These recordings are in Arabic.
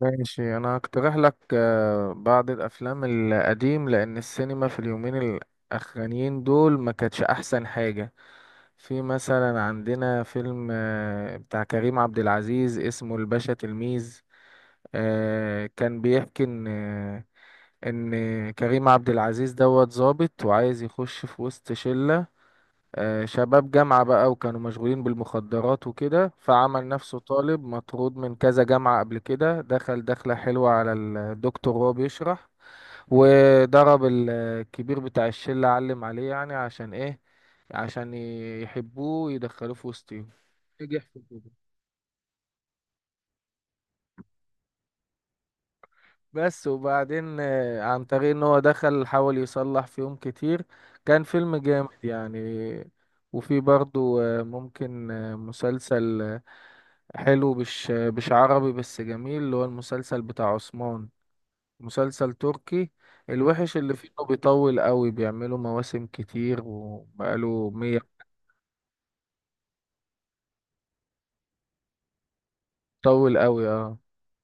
ماشي، انا هقترح لك بعض الافلام القديم، لان السينما في اليومين الاخرانيين دول ما كانتش احسن حاجة. في مثلا عندنا فيلم بتاع كريم عبد العزيز اسمه الباشا تلميذ. كان بيحكي ان كريم عبد العزيز دوت ظابط وعايز يخش في وسط شلة شباب جامعة بقى، وكانوا مشغولين بالمخدرات وكده، فعمل نفسه طالب مطرود من كذا جامعة قبل كده. دخل دخلة حلوة على الدكتور وهو بيشرح، وضرب الكبير بتاع الشلة، علم عليه يعني. عشان ايه؟ عشان يحبوه ويدخلوه في وسطهم. نجح في كده بس، وبعدين عن طريق ان هو دخل حاول يصلح فيهم كتير. كان فيلم جامد يعني. وفي برضو ممكن مسلسل حلو، مش عربي بس جميل، اللي هو المسلسل بتاع عثمان. مسلسل تركي، الوحش اللي فيه انه بيطول قوي، بيعملوا مواسم كتير وبقاله مية. بيطول قوي، اه.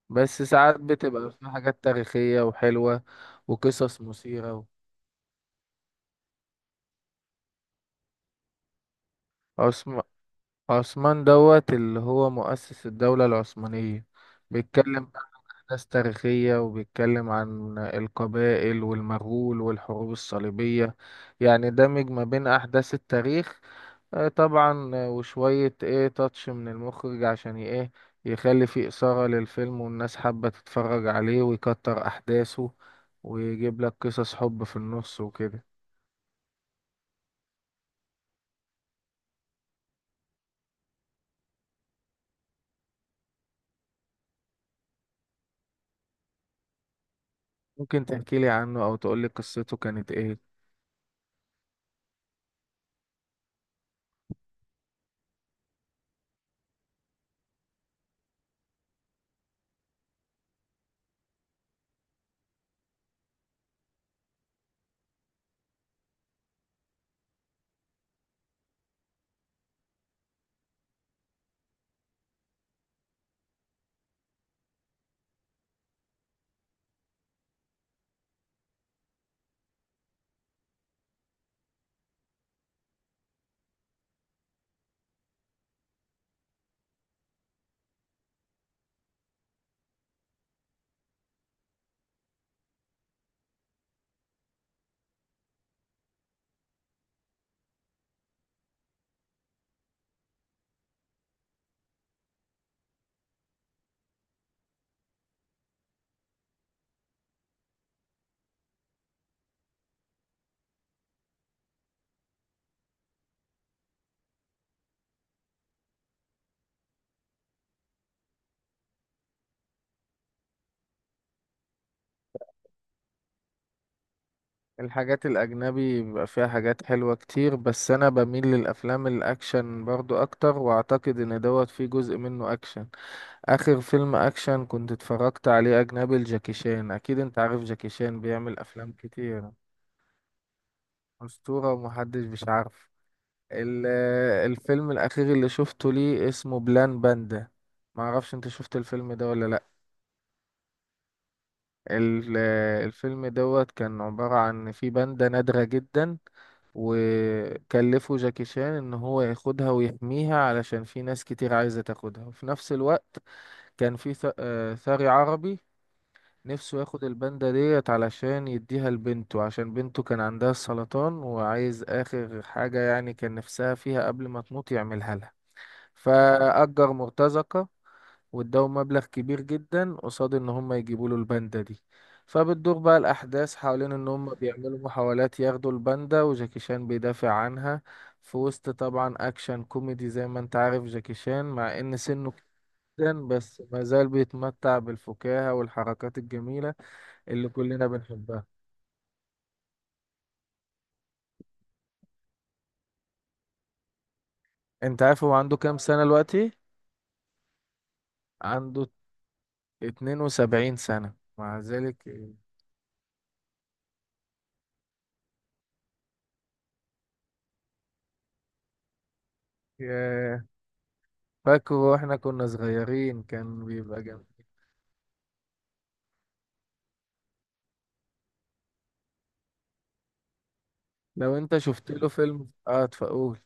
بس ساعات بتبقى في حاجات تاريخية وحلوة، وقصص مثيرة. عثم- عثمان دوت اللي هو مؤسس الدولة العثمانية. بيتكلم عن أحداث تاريخية، وبيتكلم عن القبائل والمغول والحروب الصليبية. يعني دمج ما بين أحداث التاريخ طبعا، وشوية ايه تاتش من المخرج عشان ايه يخلي فيه إثارة للفيلم، والناس حابة تتفرج عليه، ويكتر أحداثه، ويجيب لك قصص حب في النص وكده. ممكن تحكيلي عنه أو تقولي قصته كانت ايه؟ الحاجات الأجنبي بيبقى فيها حاجات حلوة كتير، بس أنا بميل للأفلام الأكشن برضو أكتر، وأعتقد إن دوت فيه جزء منه أكشن. آخر فيلم أكشن كنت اتفرجت عليه أجنبي لجاكي شان. أكيد أنت عارف جاكي شان بيعمل أفلام كتير. أسطورة، ومحدش مش عارف. الفيلم الأخير اللي شفته ليه اسمه بلان باندا. معرفش أنت شفت الفيلم ده ولا لأ. ال- الفيلم دوت كان عبارة عن في باندا نادرة جدا. وكلفوا جاكي شان ان هو ياخدها ويحميها، علشان في ناس كتير عايزة تاخدها. وفي نفس الوقت كان في ثري عربي نفسه ياخد الباندا ديت علشان يديها لبنته، عشان بنته كان عندها السرطان وعايز اخر حاجة يعني كان نفسها فيها قبل ما تموت يعملها لها. فأجر مرتزقة واداهم مبلغ كبير جدا قصاد ان هم يجيبوا له الباندا دي. فبتدور بقى الاحداث حوالين ان هم بيعملوا محاولات ياخدوا الباندا، وجاكي شان بيدافع عنها في وسط طبعا اكشن كوميدي، زي ما انت عارف جاكي شان، مع ان سنه كبير جدا بس ما زال بيتمتع بالفكاهة والحركات الجميلة اللي كلنا بنحبها. انت عارف هو عنده كام سنة دلوقتي؟ عنده 72 سنة مع ذلك. ياه، فاكره واحنا كنا صغيرين كان بيبقى جميل. لو انت شفت له فيلم اه تقول.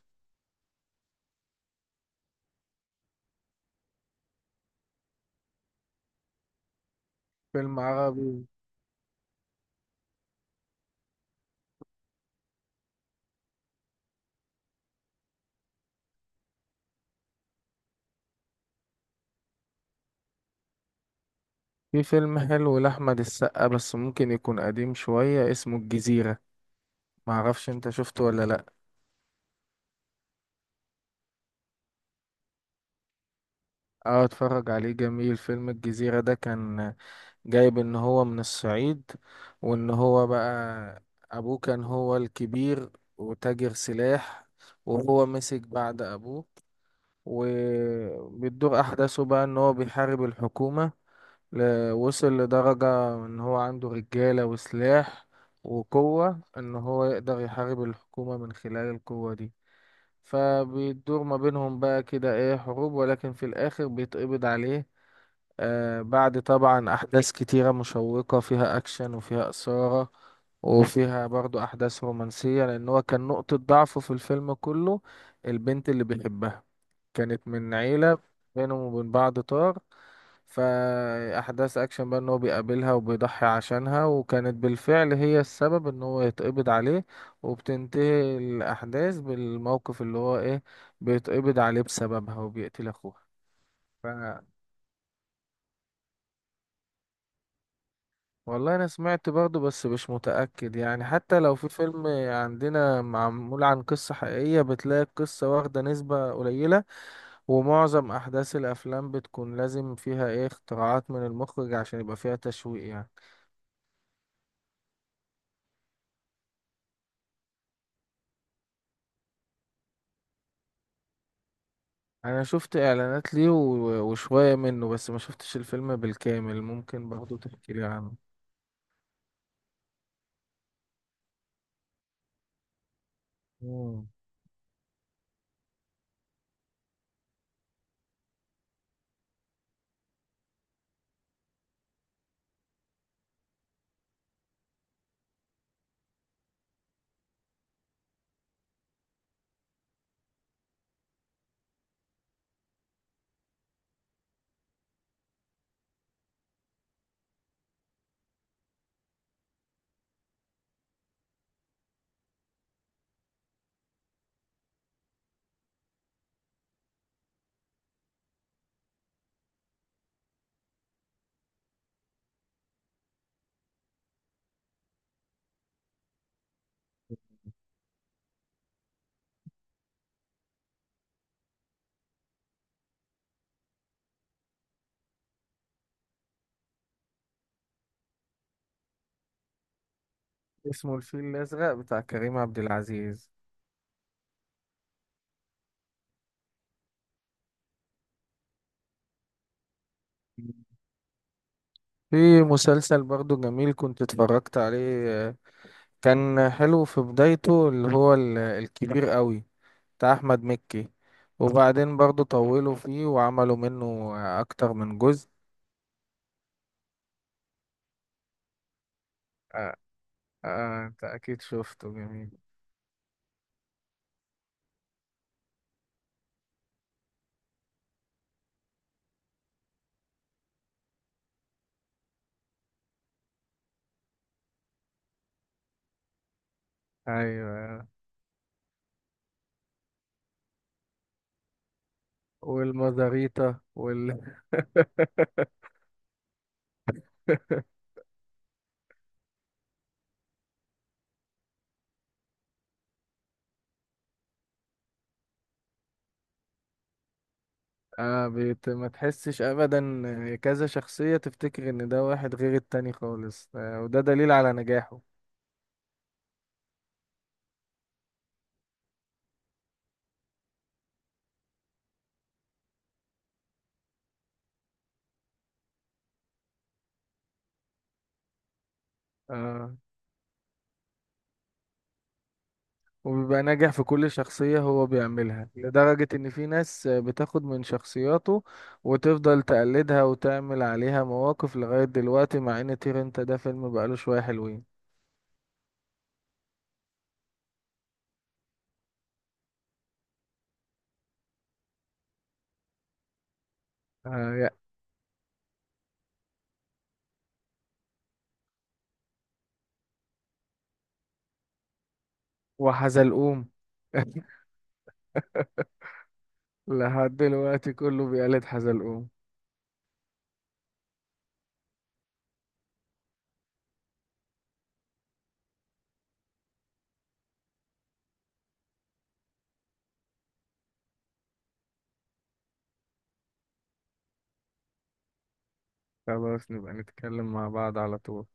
فيلم عربي. في فيلم حلو لأحمد السقا بس ممكن يكون قديم شوية، اسمه الجزيرة. معرفش انت شفته ولا لأ. اه، اتفرج عليه، جميل. فيلم الجزيرة ده كان جايب ان هو من الصعيد، وان هو بقى ابوه كان هو الكبير وتاجر سلاح، وهو مسك بعد ابوه. وبتدور احداثه بقى ان هو بيحارب الحكومة. وصل لدرجة إن هو عنده رجالة وسلاح وقوة، إن هو يقدر يحارب الحكومة من خلال القوة دي. فبيدور ما بينهم بقى كده إيه، حروب، ولكن في الآخر بيتقبض عليه، بعد طبعا أحداث كتيرة مشوقة فيها أكشن وفيها إثارة، وفيها برضو أحداث رومانسية، لأن هو كان نقطة ضعفه في الفيلم كله البنت اللي بيحبها. كانت من عيلة بينهم وبين بعض طار، فأحداث أكشن بقى إن هو بيقابلها وبيضحي عشانها، وكانت بالفعل هي السبب إن هو يتقبض عليه. وبتنتهي الأحداث بالموقف اللي هو إيه، بيتقبض عليه بسببها وبيقتل أخوها. ف... والله أنا سمعت برضه بس مش متأكد يعني. حتى لو في فيلم عندنا معمول عن قصة حقيقية، بتلاقي القصة واخدة نسبة قليلة، ومعظم احداث الافلام بتكون لازم فيها ايه اختراعات من المخرج عشان يبقى فيها تشويق يعني. انا شفت اعلانات ليه وشوية منه، بس ما شفتش الفيلم بالكامل. ممكن برضه تحكي لي عنه. مم. اسمه الفيل الازرق بتاع كريم عبد العزيز. في مسلسل برضه جميل كنت اتفرجت عليه، كان حلو في بدايته، اللي هو الكبير قوي بتاع احمد مكي. وبعدين برضه طولوا فيه وعملوا منه اكتر من جزء. آه، انت اكيد شفته، جميل. ايوه، والمزاريطة وال ما تحسش ابدا كذا شخصية، تفتكر ان ده واحد غير التاني خالص، وده دليل على نجاحه. آه وبيبقى ناجح في كل شخصية هو بيعملها، لدرجة ان في ناس بتاخد من شخصياته وتفضل تقلدها وتعمل عليها مواقف لغاية دلوقتي، مع ان طير انت ده فيلم بقاله شوية حلوين. آه يا- وحزلقوم. لحد دلوقتي كله بيقلد حزلقوم. خلاص، نبقى نتكلم مع بعض على طول.